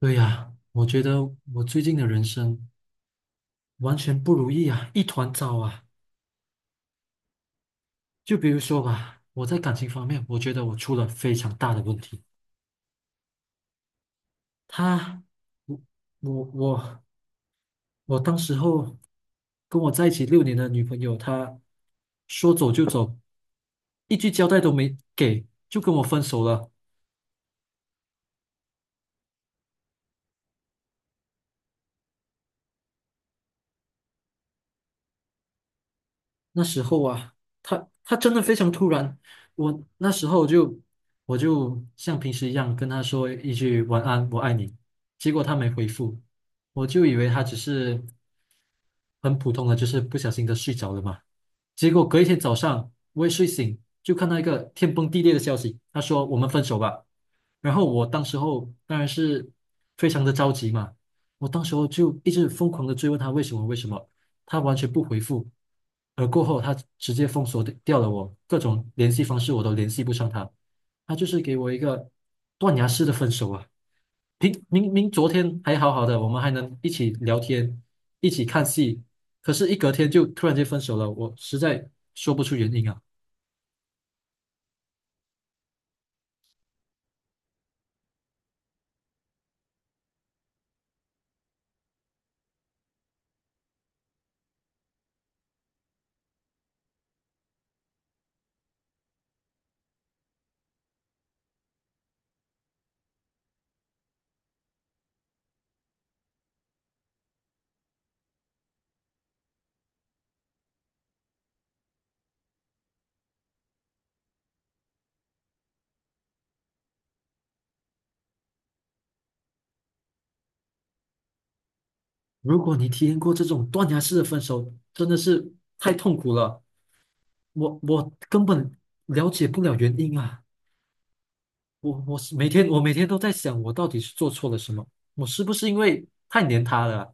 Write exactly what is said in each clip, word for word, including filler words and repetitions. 对呀，我觉得我最近的人生完全不如意啊，一团糟啊。就比如说吧，我在感情方面，我觉得我出了非常大的问题。他，我我我我当时候跟我在一起六年的女朋友，她说走就走，一句交代都没给，就跟我分手了。那时候啊，他他真的非常突然，我那时候就我就像平时一样跟他说一句晚安，我爱你，结果他没回复，我就以为他只是很普通的，就是不小心的睡着了嘛。结果隔一天早上，我一睡醒就看到一个天崩地裂的消息，他说我们分手吧。然后我当时候当然是非常的着急嘛，我当时候就一直疯狂的追问他为什么为什么，他完全不回复，而过后他直接封锁掉了我各种联系方式，我都联系不上他，他就是给我一个断崖式的分手啊！明明明昨天还好好的，我们还能一起聊天，一起看戏，可是，一隔天就突然间分手了，我实在说不出原因啊。如果你体验过这种断崖式的分手，真的是太痛苦了。我我根本了解不了原因啊。我我是每天我每天都在想，我到底是做错了什么？我是不是因为太黏他了啊，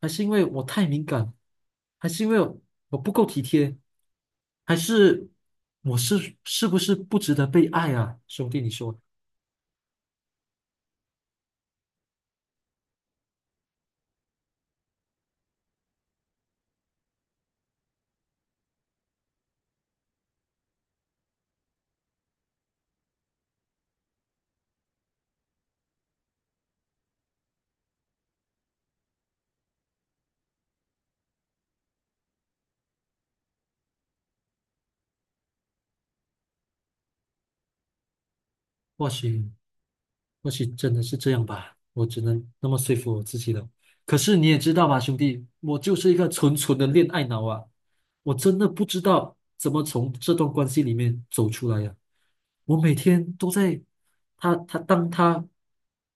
还是因为我太敏感，还是因为我不够体贴，还是我是是不是不值得被爱啊？兄弟，你说，或许。或许真的是这样吧，我只能那么说服我自己了。可是你也知道吧，兄弟，我就是一个纯纯的恋爱脑啊，我真的不知道怎么从这段关系里面走出来呀、我每天都在，他他当他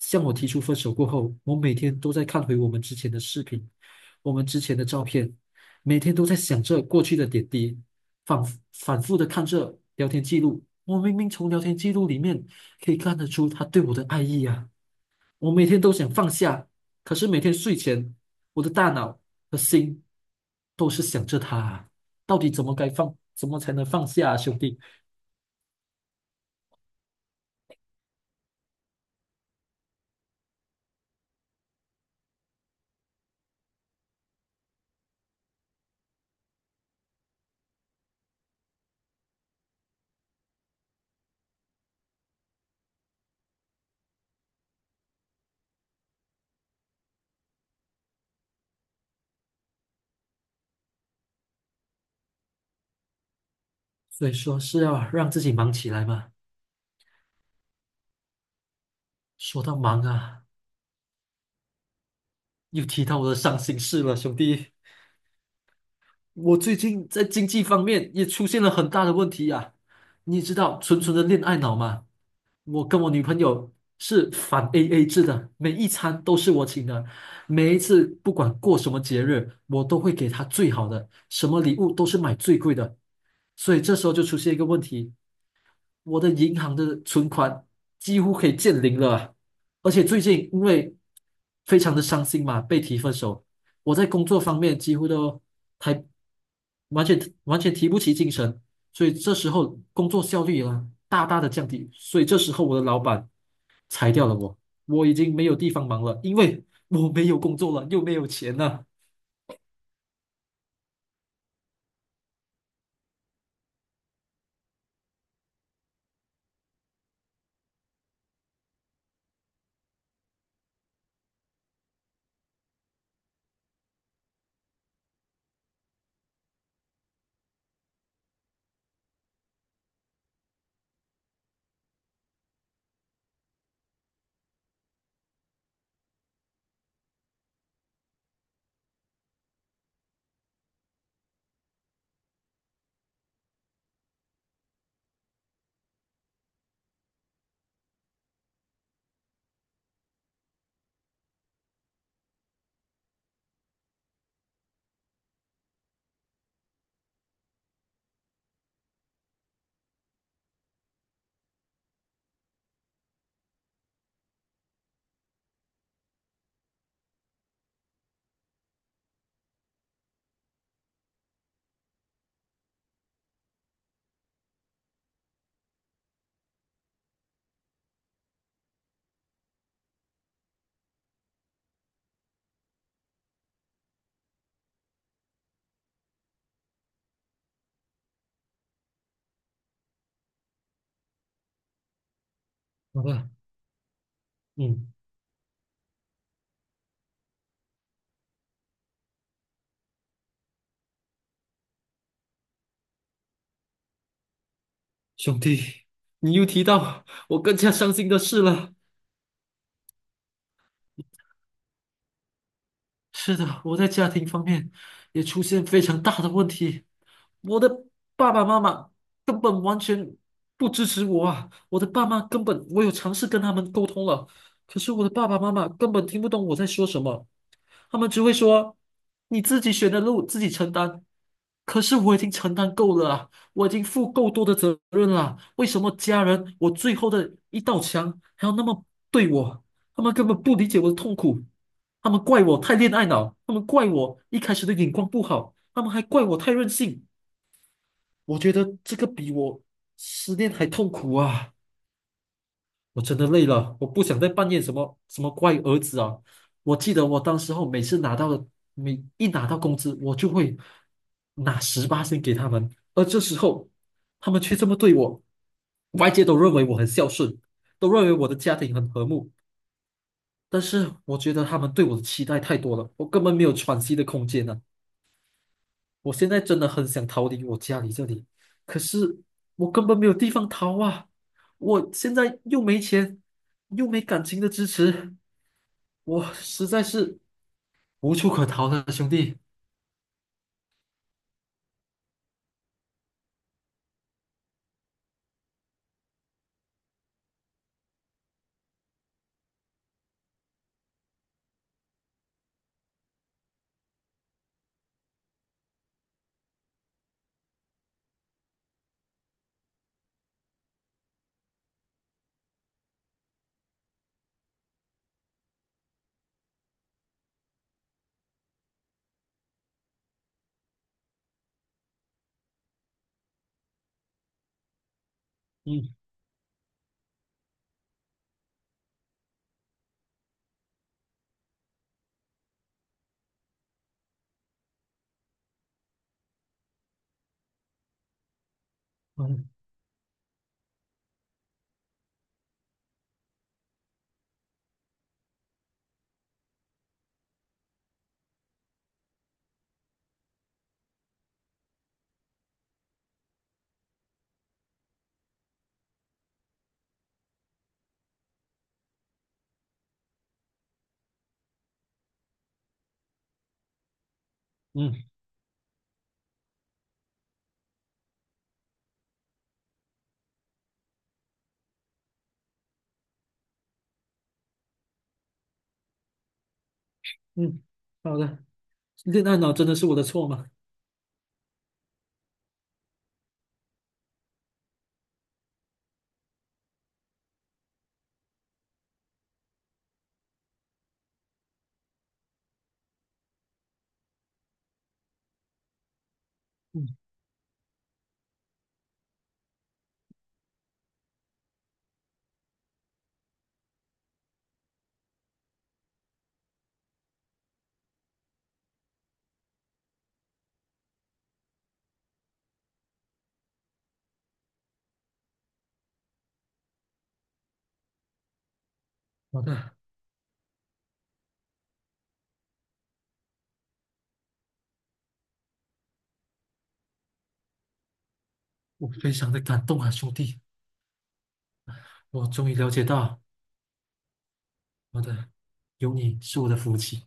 向我提出分手过后，我每天都在看回我们之前的视频，我们之前的照片，每天都在想着过去的点滴，反反复的看着聊天记录。我明明从聊天记录里面可以看得出他对我的爱意啊！我每天都想放下，可是每天睡前，我的大脑和心都是想着他啊，到底怎么该放，怎么才能放下啊，兄弟？所以说是要让自己忙起来嘛。说到忙啊，又提到我的伤心事了，兄弟。我最近在经济方面也出现了很大的问题呀、你知道纯纯的恋爱脑吗？我跟我女朋友是反 A A 制的，每一餐都是我请的，每一次不管过什么节日，我都会给她最好的，什么礼物都是买最贵的。所以这时候就出现一个问题，我的银行的存款几乎可以见零了啊。而且最近因为非常的伤心嘛，被提分手，我在工作方面几乎都还完全完全提不起精神，所以这时候工作效率啊大大的降低，所以这时候我的老板裁掉了我，我已经没有地方忙了，因为我没有工作了，又没有钱了。好了。嗯。兄弟，你又提到我更加伤心的事了。是的，我在家庭方面也出现非常大的问题。我的爸爸妈妈根本完全不支持我啊！我的爸妈根本，我有尝试跟他们沟通了，可是我的爸爸妈妈根本听不懂我在说什么。他们只会说你自己选的路自己承担。可是我已经承担够了啊，我已经负够多的责任了啊，为什么家人我最后的一道墙还要那么对我？他们根本不理解我的痛苦，他们怪我太恋爱脑，他们怪我一开始的眼光不好，他们还怪我太任性。我觉得这个比我失恋还痛苦啊！我真的累了，我不想再扮演什么什么乖儿子啊！我记得我当时候每次拿到的，每一拿到工资，我就会拿十八先给他们，而这时候他们却这么对我，外界都认为我很孝顺，都认为我的家庭很和睦，但是我觉得他们对我的期待太多了，我根本没有喘息的空间呢、我现在真的很想逃离我家里这里，可是我根本没有地方逃啊！我现在又没钱，又没感情的支持，我实在是无处可逃了，兄弟。嗯嗯嗯嗯，好的，恋爱脑真的是我的错吗？嗯，好的，我非常的感动啊，兄弟，我终于了解到，好的，有你是我的福气。